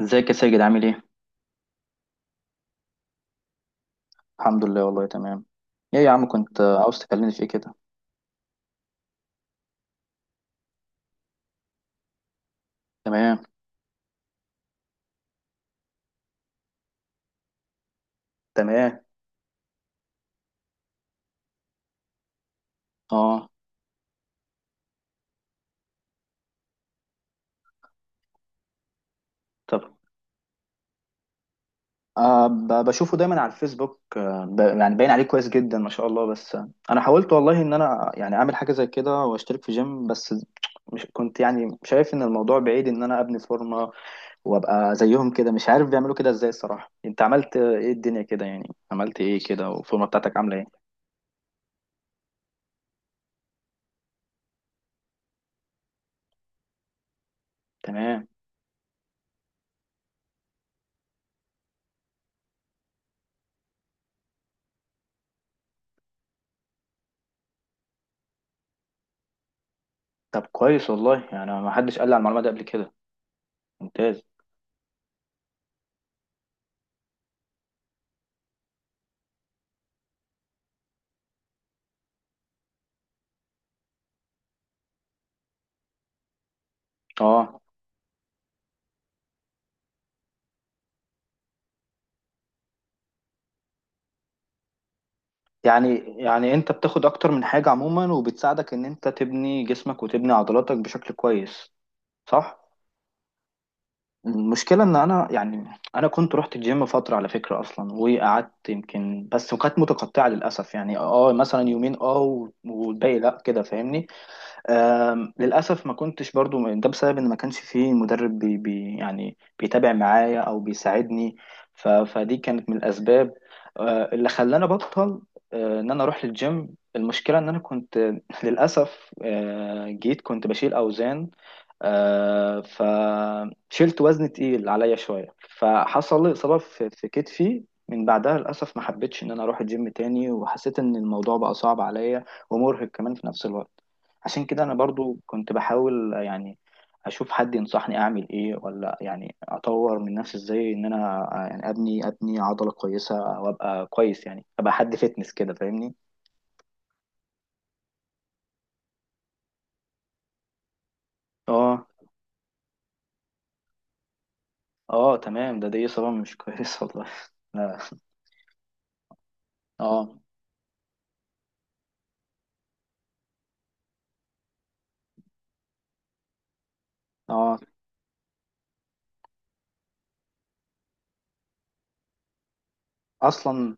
ازيك يا ساجد عامل ايه؟ الحمد لله والله تمام. ايه يا عم كنت عاوز تكلمني في ايه كده؟ تمام. تمام. اه. طب آه بشوفه دايما على الفيسبوك يعني باين عليه كويس جدا ما شاء الله، بس انا حاولت والله ان انا يعني اعمل حاجه زي كده واشترك في جيم، بس مش كنت يعني شايف ان الموضوع بعيد ان انا ابني فورمه وابقى زيهم كده. مش عارف بيعملوا كده ازاي الصراحه. انت عملت ايه الدنيا كده؟ يعني عملت ايه كده والفورمه بتاعتك عامله ايه؟ تمام. طب كويس والله، يعني ما حدش قال لي على المعلومه دي قبل كده. ممتاز. اه. يعني يعني انت بتاخد اكتر من حاجة عموما، وبتساعدك ان انت تبني جسمك وتبني عضلاتك بشكل كويس، صح؟ المشكلة ان انا يعني انا كنت رحت الجيم فترة على فكرة اصلا، وقعدت يمكن بس، وكانت متقطعة للأسف. يعني اه مثلا يومين اه والباقي لا كده، فاهمني؟ للأسف ما كنتش برضو، ده بسبب إن ما كانش فيه مدرب بي يعني بيتابع معايا أو بيساعدني. ف فدي كانت من الأسباب اللي خلاني أبطل، إن أنا أروح للجيم. المشكلة إن أنا كنت للأسف جيت كنت بشيل أوزان، فشلت وزن تقيل عليا شوية. فحصل لي إصابة في كتفي. من بعدها للأسف ما حبيتش إن أنا أروح الجيم تاني، وحسيت إن الموضوع بقى صعب عليا ومرهق كمان في نفس الوقت. عشان كده انا برضو كنت بحاول يعني اشوف حد ينصحني اعمل ايه، ولا يعني اطور من نفسي ازاي، ان انا يعني ابني عضلة كويسة او ابقى كويس، يعني ابقى حد فتنس كده، فاهمني؟ اه. اه تمام، ده دي اصابة مش كويسة والله. لا. اه. اه. اصلا.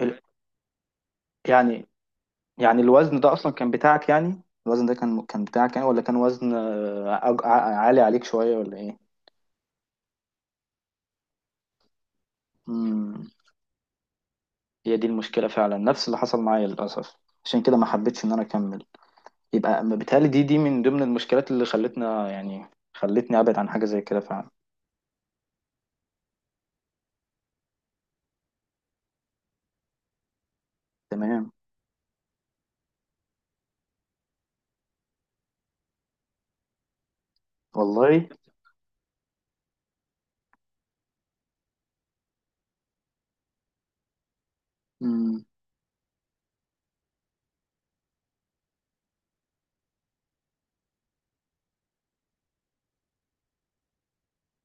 ال... يعني يعني الوزن ده اصلا كان بتاعك؟ يعني الوزن ده كان بتاعك يعني، ولا كان وزن عالي عليك شوية، ولا ايه؟ امم. هي دي المشكلة فعلا، نفس اللي حصل معايا للأسف. عشان كده ما حبيتش إن أنا أكمل. يبقى ما بيتهيألي دي من ضمن المشكلات اللي خلتنا يعني خلتني أبعد عن حاجة زي كده فعلا. تمام. والله. مم.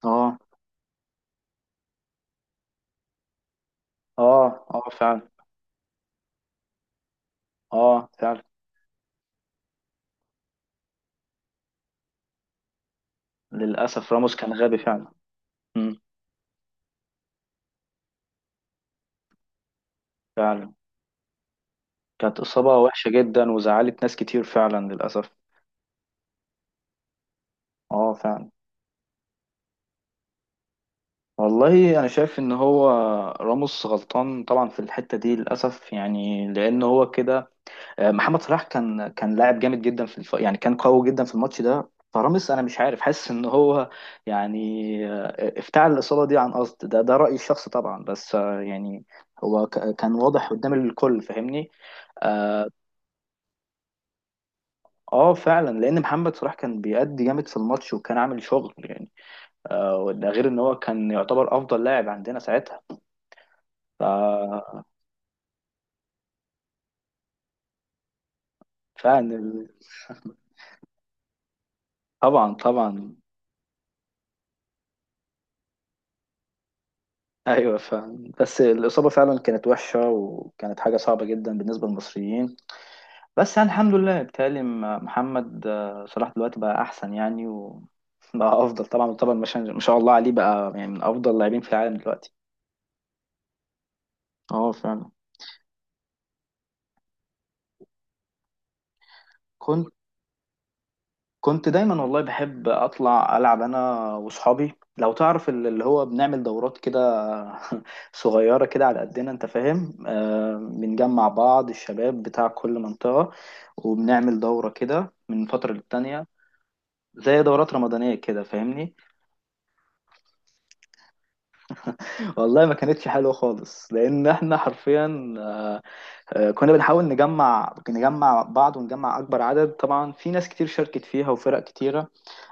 آه. آه. آه فعلا. آه فعلا، للأسف راموس كان غبي فعلا. مم. فعلا، كانت إصابة وحشة جدا وزعلت ناس كتير فعلا للأسف. آه فعلا. والله أنا شايف إن هو راموس غلطان طبعا في الحتة دي للأسف، يعني لأن هو كده، محمد صلاح كان لاعب جامد جدا في يعني كان قوي جدا في الماتش ده. فرامس انا مش عارف، حاسس ان هو يعني افتعل الاصابه دي عن قصد، ده رايي الشخصي طبعا، بس يعني هو كان واضح قدام الكل، فاهمني؟ اه. فعلا، لان محمد صلاح كان بيأدي جامد في الماتش وكان عامل شغل يعني. ده غير ان هو كان يعتبر افضل لاعب عندنا ساعتها. ف... فعلا طبعا طبعا. ايوه فعلا، بس الاصابه فعلا كانت وحشه وكانت حاجه صعبه جدا بالنسبه للمصريين. بس يعني الحمد لله، بيتهيألي محمد صلاح دلوقتي بقى احسن يعني، وبقى افضل طبعا طبعا. ما شاء الله عليه بقى، يعني من افضل اللاعبين في العالم دلوقتي. اه فعلا. كنت دايما والله بحب اطلع العب انا واصحابي. لو تعرف اللي هو بنعمل دورات كده صغيره كده على قدنا، انت فاهم. آه، بنجمع بعض الشباب بتاع كل منطقه، وبنعمل دوره كده من فتره للتانيه، زي دورات رمضانيه كده، فاهمني؟ والله ما كانتش حلوه خالص، لان احنا حرفيا كنا بنحاول نجمع بعض ونجمع اكبر عدد. طبعا في ناس كتير شاركت فيها وفرق كتيره،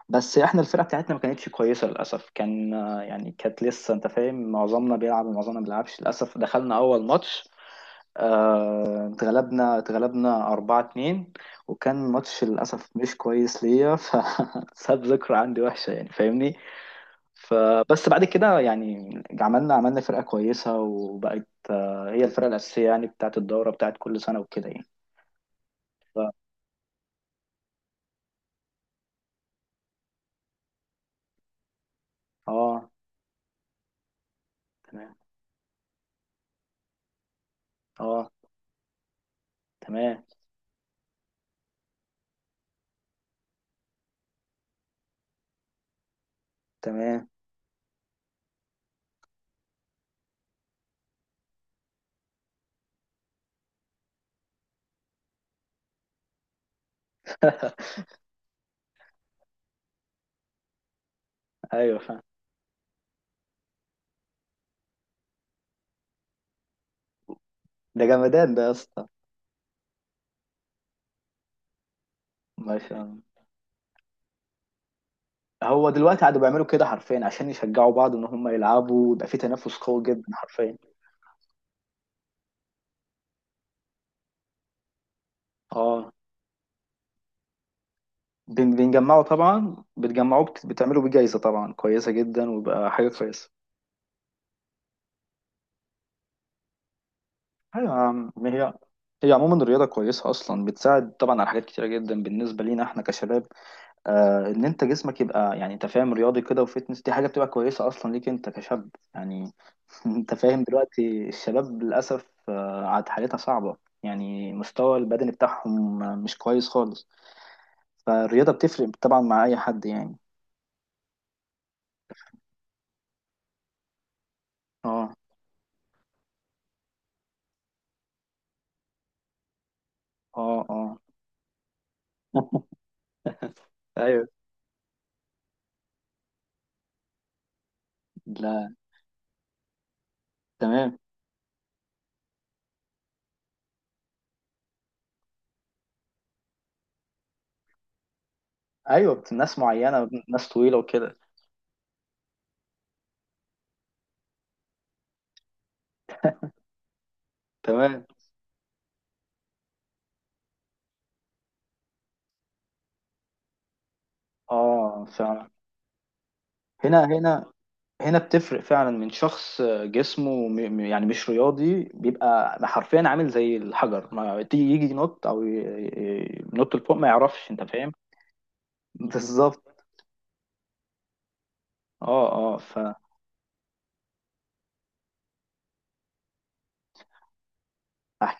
بس احنا الفرقه بتاعتنا ما كانتش كويسه للاسف. كان يعني كانت لسه، انت فاهم، معظمنا بيلعب ومعظمنا ما بيلعبش للاسف. دخلنا اول ماتش اتغلبنا 4-2، وكان ماتش للاسف مش كويس ليا، فساب ذكرى عندي وحشه يعني، فاهمني؟ فبس بعد كده يعني عملنا فرقه كويسه، وبقت هي الفرقه الاساسيه يعني بتاعت الدوره بتاعت كل سنه وكده يعني. ف... اه تمام. اه تمام. تمام. ايوه فاهم. ده جمدان ده يا اسطى. مثلا هو دلوقتي قعدوا بيعملوا كده حرفيا عشان يشجعوا بعض ان هم يلعبوا، ويبقى في تنافس قوي جدا حرفيا. اه. بنجمعوا طبعا، بتجمعوا بتعملوا بيه جايزة طبعا كويسة جدا، ويبقى حاجة كويسة. ايوه يا عم، ما هي عموما الرياضة كويسة أصلا، بتساعد طبعا على حاجات كتيرة جدا بالنسبة لينا احنا كشباب. آه، إن أنت جسمك يبقى يعني أنت فاهم رياضي كده وفتنس، دي حاجة بتبقى كويسة أصلا ليك أنت كشاب يعني. انت فاهم دلوقتي الشباب للاسف عاد حالتها صعبه، يعني مستوى البدني بتاعهم مش كويس خالص. فالرياضه بتفرق طبعا مع اي حد يعني. اه. اه. اه. ايوه. لا. تمام. ايوه ناس معينه، ناس طويله وكده. تمام. اه فعلا. هنا. هنا. هنا بتفرق فعلا. من شخص جسمه يعني مش رياضي، بيبقى حرفيا عامل زي الحجر. ما تيجي يجي ينط او ينط لفوق ما يعرفش، انت فاهم؟ بالظبط. اه. اه فهحكي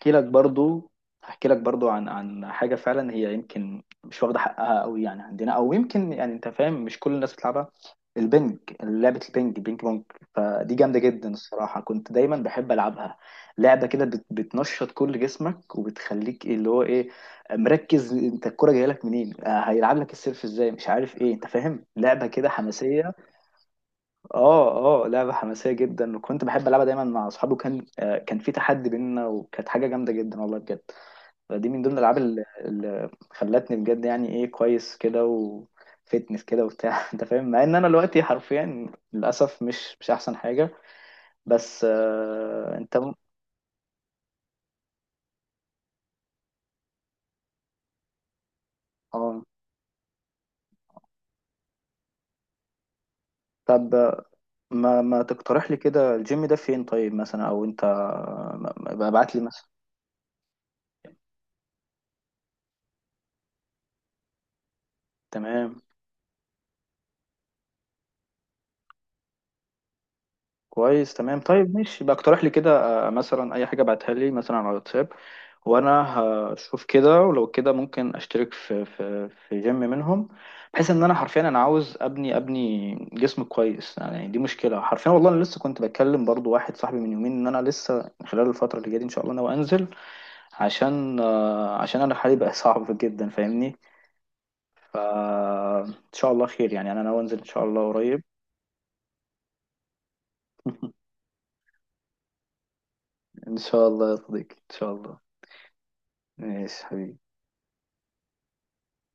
لك برضو هحكي لك برضو عن حاجه فعلا هي يمكن مش واخده حقها قوي يعني عندنا، او يمكن يعني انت فاهم، مش كل الناس بتلعبها. البنج، لعبه البنج بينج بونج. فدي جامده جدا الصراحه، كنت دايما بحب العبها. لعبه كده بتنشط كل جسمك وبتخليك إيه اللي هو ايه، مركز، انت الكوره جايه لك منين، هيلعب لك السيرف ازاي، مش عارف ايه، انت فاهم، لعبه كده حماسيه. اه. اه لعبة حماسية جدا، وكنت بحب ألعبها دايما مع أصحابي. وكان كان في تحدي بيننا وكانت حاجة جامدة جدا والله بجد. فدي من ضمن الألعاب اللي خلتني بجد يعني إيه كويس كده وفتنس كده وبتاع، أنت فاهم، مع إن أنا دلوقتي حرفيا للأسف مش أحسن حاجة. بس آه أنت اه. طب ما تقترح لي كده الجيم ده فين طيب مثلا؟ أو أنت ابعت لي مثلا. تمام. كويس تمام. طيب ماشي، يبقى اقترح لي كده مثلا اي حاجه، بعتها لي مثلا على الواتساب، وانا هشوف كده، ولو كده ممكن اشترك في في جيم منهم، بحيث ان انا حرفيا انا عاوز ابني جسم كويس يعني. دي مشكله حرفيا والله. انا لسه كنت بتكلم برضو واحد صاحبي من يومين ان انا لسه خلال الفتره اللي جايه دي ان شاء الله انا انزل، عشان عشان انا حالي بقى صعب جدا، فاهمني؟ فان شاء الله خير يعني. انا ناوي انزل ان شاء الله قريب. ان شاء الله يا صديقي، ان شاء الله. ماشي حبيبي.